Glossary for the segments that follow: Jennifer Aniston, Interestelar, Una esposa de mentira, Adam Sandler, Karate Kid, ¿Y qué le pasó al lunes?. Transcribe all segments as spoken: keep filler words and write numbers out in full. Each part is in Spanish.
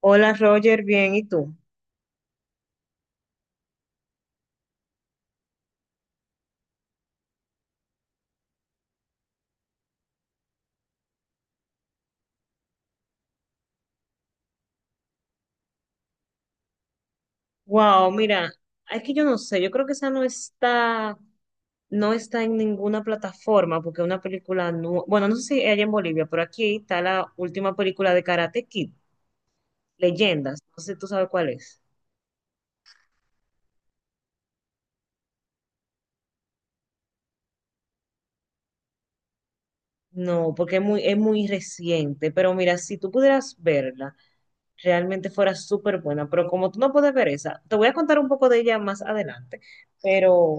Hola Roger, bien, ¿y tú? Wow, mira, es que yo no sé, yo creo que esa no está, no está en ninguna plataforma porque es una película, no, bueno, no sé si allá en Bolivia, pero aquí está la última película de Karate Kid, Leyendas, no sé si tú sabes cuál es. No, porque es muy, es muy reciente, pero mira, si tú pudieras verla, realmente fuera súper buena, pero como tú no puedes ver esa, te voy a contar un poco de ella más adelante, pero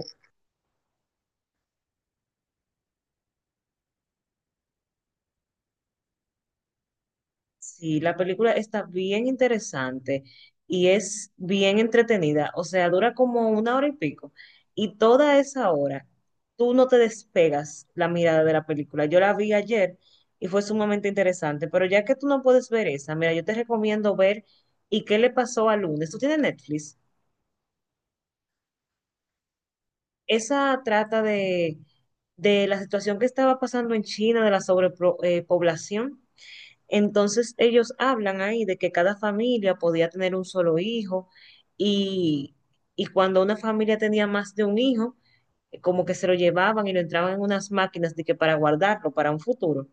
sí, la película está bien interesante y es bien entretenida. O sea, dura como una hora y pico. Y toda esa hora, tú no te despegas la mirada de la película. Yo la vi ayer y fue sumamente interesante. Pero ya que tú no puedes ver esa, mira, yo te recomiendo ver ¿y qué le pasó al lunes? Tú tienes Netflix. Esa trata de, de la situación que estaba pasando en China, de la sobrepoblación. Entonces ellos hablan ahí de que cada familia podía tener un solo hijo y, y cuando una familia tenía más de un hijo, eh, como que se lo llevaban y lo entraban en unas máquinas de que para guardarlo para un futuro,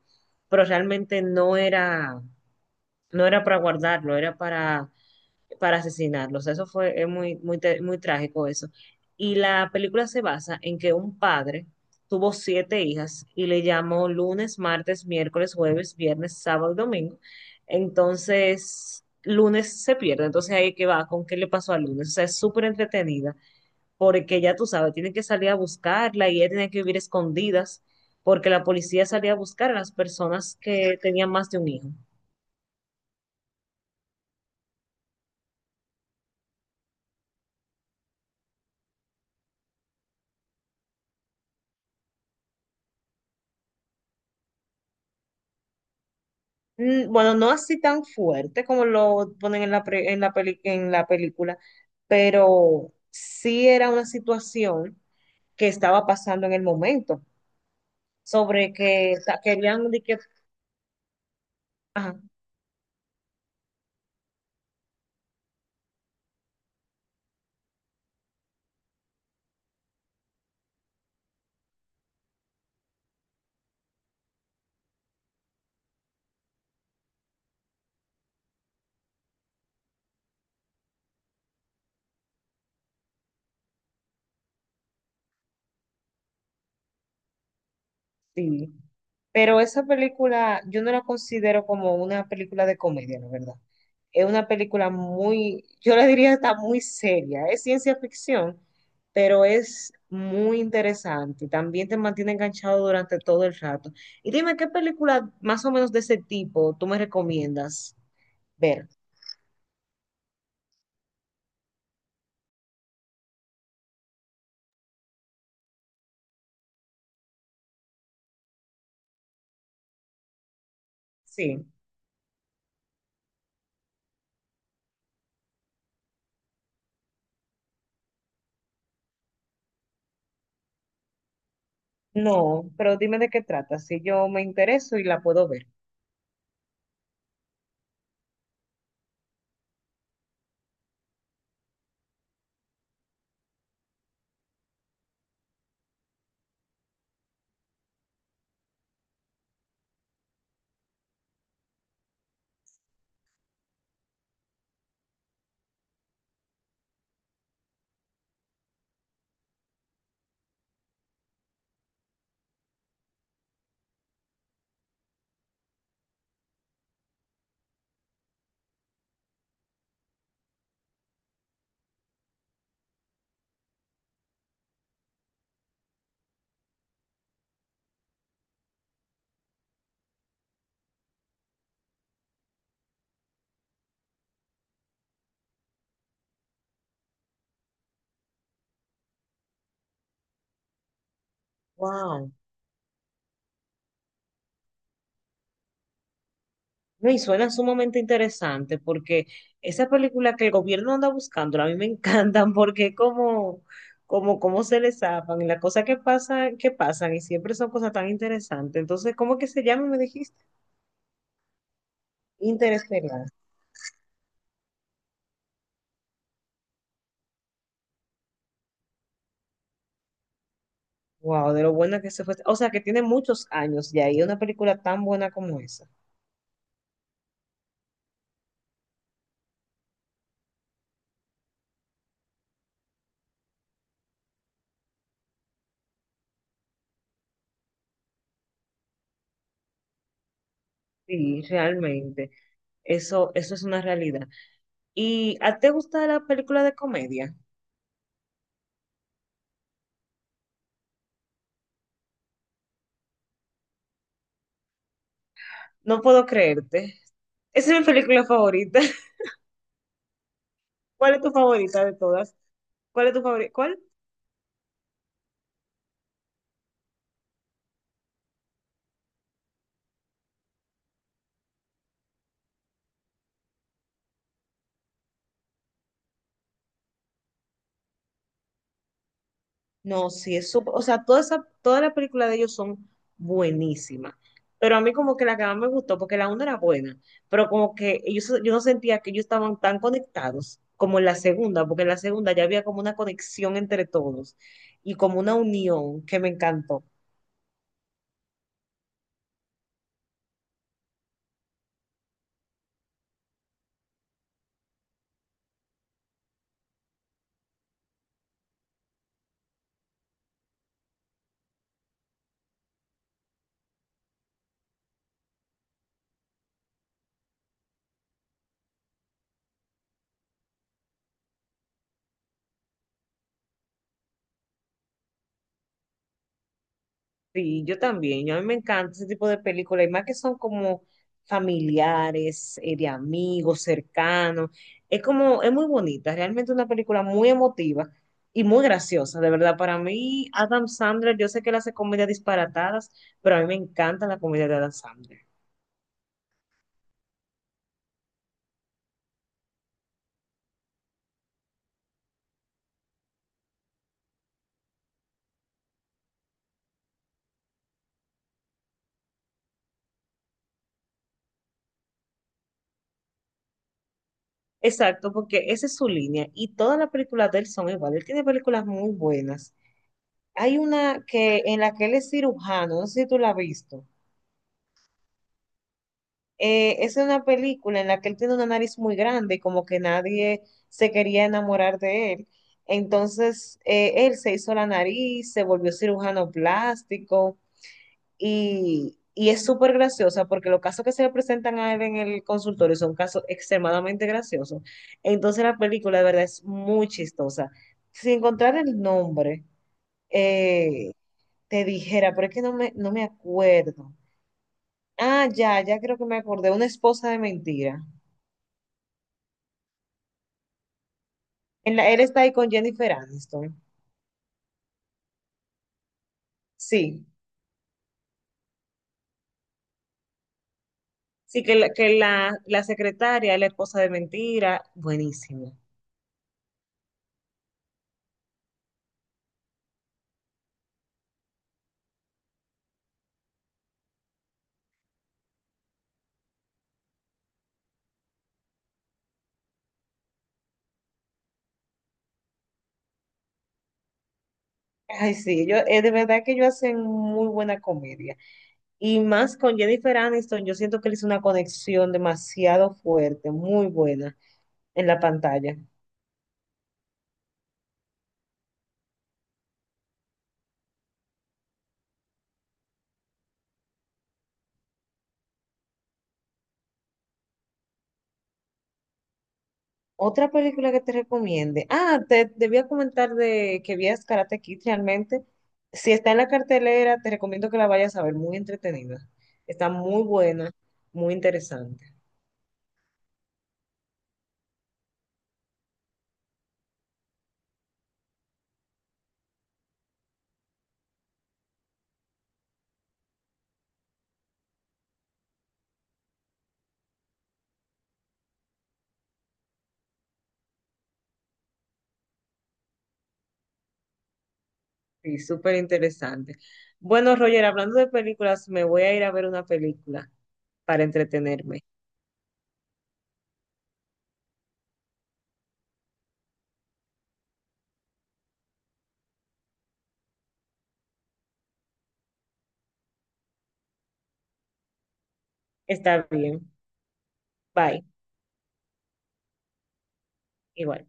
pero realmente no era, no era para guardarlo, era para para asesinarlos. Eso fue es muy, muy, te- muy trágico eso. Y la película se basa en que un padre tuvo siete hijas y le llamó lunes, martes, miércoles, jueves, viernes, sábado y domingo. Entonces, lunes se pierde. Entonces ahí que va con qué le pasó al lunes. O sea, es súper entretenida porque ya tú sabes, tienen que salir a buscarla y ella tiene que vivir escondidas porque la policía salía a buscar a las personas que tenían más de un hijo. Mm, bueno, no así tan fuerte como lo ponen en la, pre- en la, peli- en la película, pero sí era una situación que estaba pasando en el momento, sobre que ta- querían de que... Ajá, sí. Pero esa película yo no la considero como una película de comedia, la verdad. Es una película muy, yo le diría está muy seria. Es ciencia ficción, pero es muy interesante. También te mantiene enganchado durante todo el rato. Y dime, ¿qué película más o menos de ese tipo tú me recomiendas ver? Sí. No, pero dime de qué trata, si yo me intereso y la puedo ver. Wow. No, y suena sumamente interesante porque esa película que el gobierno anda buscando, a mí me encantan porque como, como, como se les zafan y las cosas que pasan, que pasan y siempre son cosas tan interesantes. Entonces, ¿cómo que se llama? Me dijiste. Interestelar. Wow, de lo buena que se fue. O sea, que tiene muchos años ya y una película tan buena como esa. Sí, realmente. Eso, eso es una realidad. ¿Y a ti te gusta la película de comedia? No puedo creerte. Esa es mi película favorita. ¿Cuál es tu favorita de todas? ¿Cuál es tu favorita? ¿Cuál? No, sí, es súper. O sea, todas esa, todas las películas de ellos son buenísimas. Pero a mí, como que la que más me gustó, porque la una era buena, pero como que ellos, yo no sentía que ellos estaban tan conectados como en la segunda, porque en la segunda ya había como una conexión entre todos y como una unión que me encantó. Sí, yo también. Yo a mí me encanta ese tipo de películas, y más que son como familiares, eh, de amigos, cercanos. Es como, es muy bonita, realmente una película muy emotiva y muy graciosa, de verdad. Para mí, Adam Sandler, yo sé que él hace comedias disparatadas, pero a mí me encanta la comedia de Adam Sandler. Exacto, porque esa es su línea y todas las películas de él son iguales. Él tiene películas muy buenas. Hay una que en la que él es cirujano, no sé si tú la has visto. Eh, es una película en la que él tiene una nariz muy grande, como que nadie se quería enamorar de él. Entonces, eh, él se hizo la nariz, se volvió cirujano plástico y, y es súper graciosa porque los casos que se le presentan a él en el consultorio son casos extremadamente graciosos. Entonces, la película de verdad es muy chistosa. Sin encontrar el nombre, eh, te dijera, pero es que no me, no me acuerdo. Ah, ya, ya creo que me acordé, una esposa de mentira. En la- él está ahí con Jennifer Aniston. Sí, sí, que la, que la, la secretaria, es la esposa de mentira, buenísimo. Ay, sí, yo, eh, de verdad que ellos hacen muy buena comedia. Y más con Jennifer Aniston, yo siento que él hizo una conexión demasiado fuerte, muy buena en la pantalla. Otra película que te recomiende. Ah, te debía comentar de que vías Karate Kid realmente. Si está en la cartelera, te recomiendo que la vayas a ver, muy entretenida. Está muy buena, muy interesante. Sí, súper interesante. Bueno, Roger, hablando de películas, me voy a ir a ver una película para entretenerme. Está bien. Bye. Igual.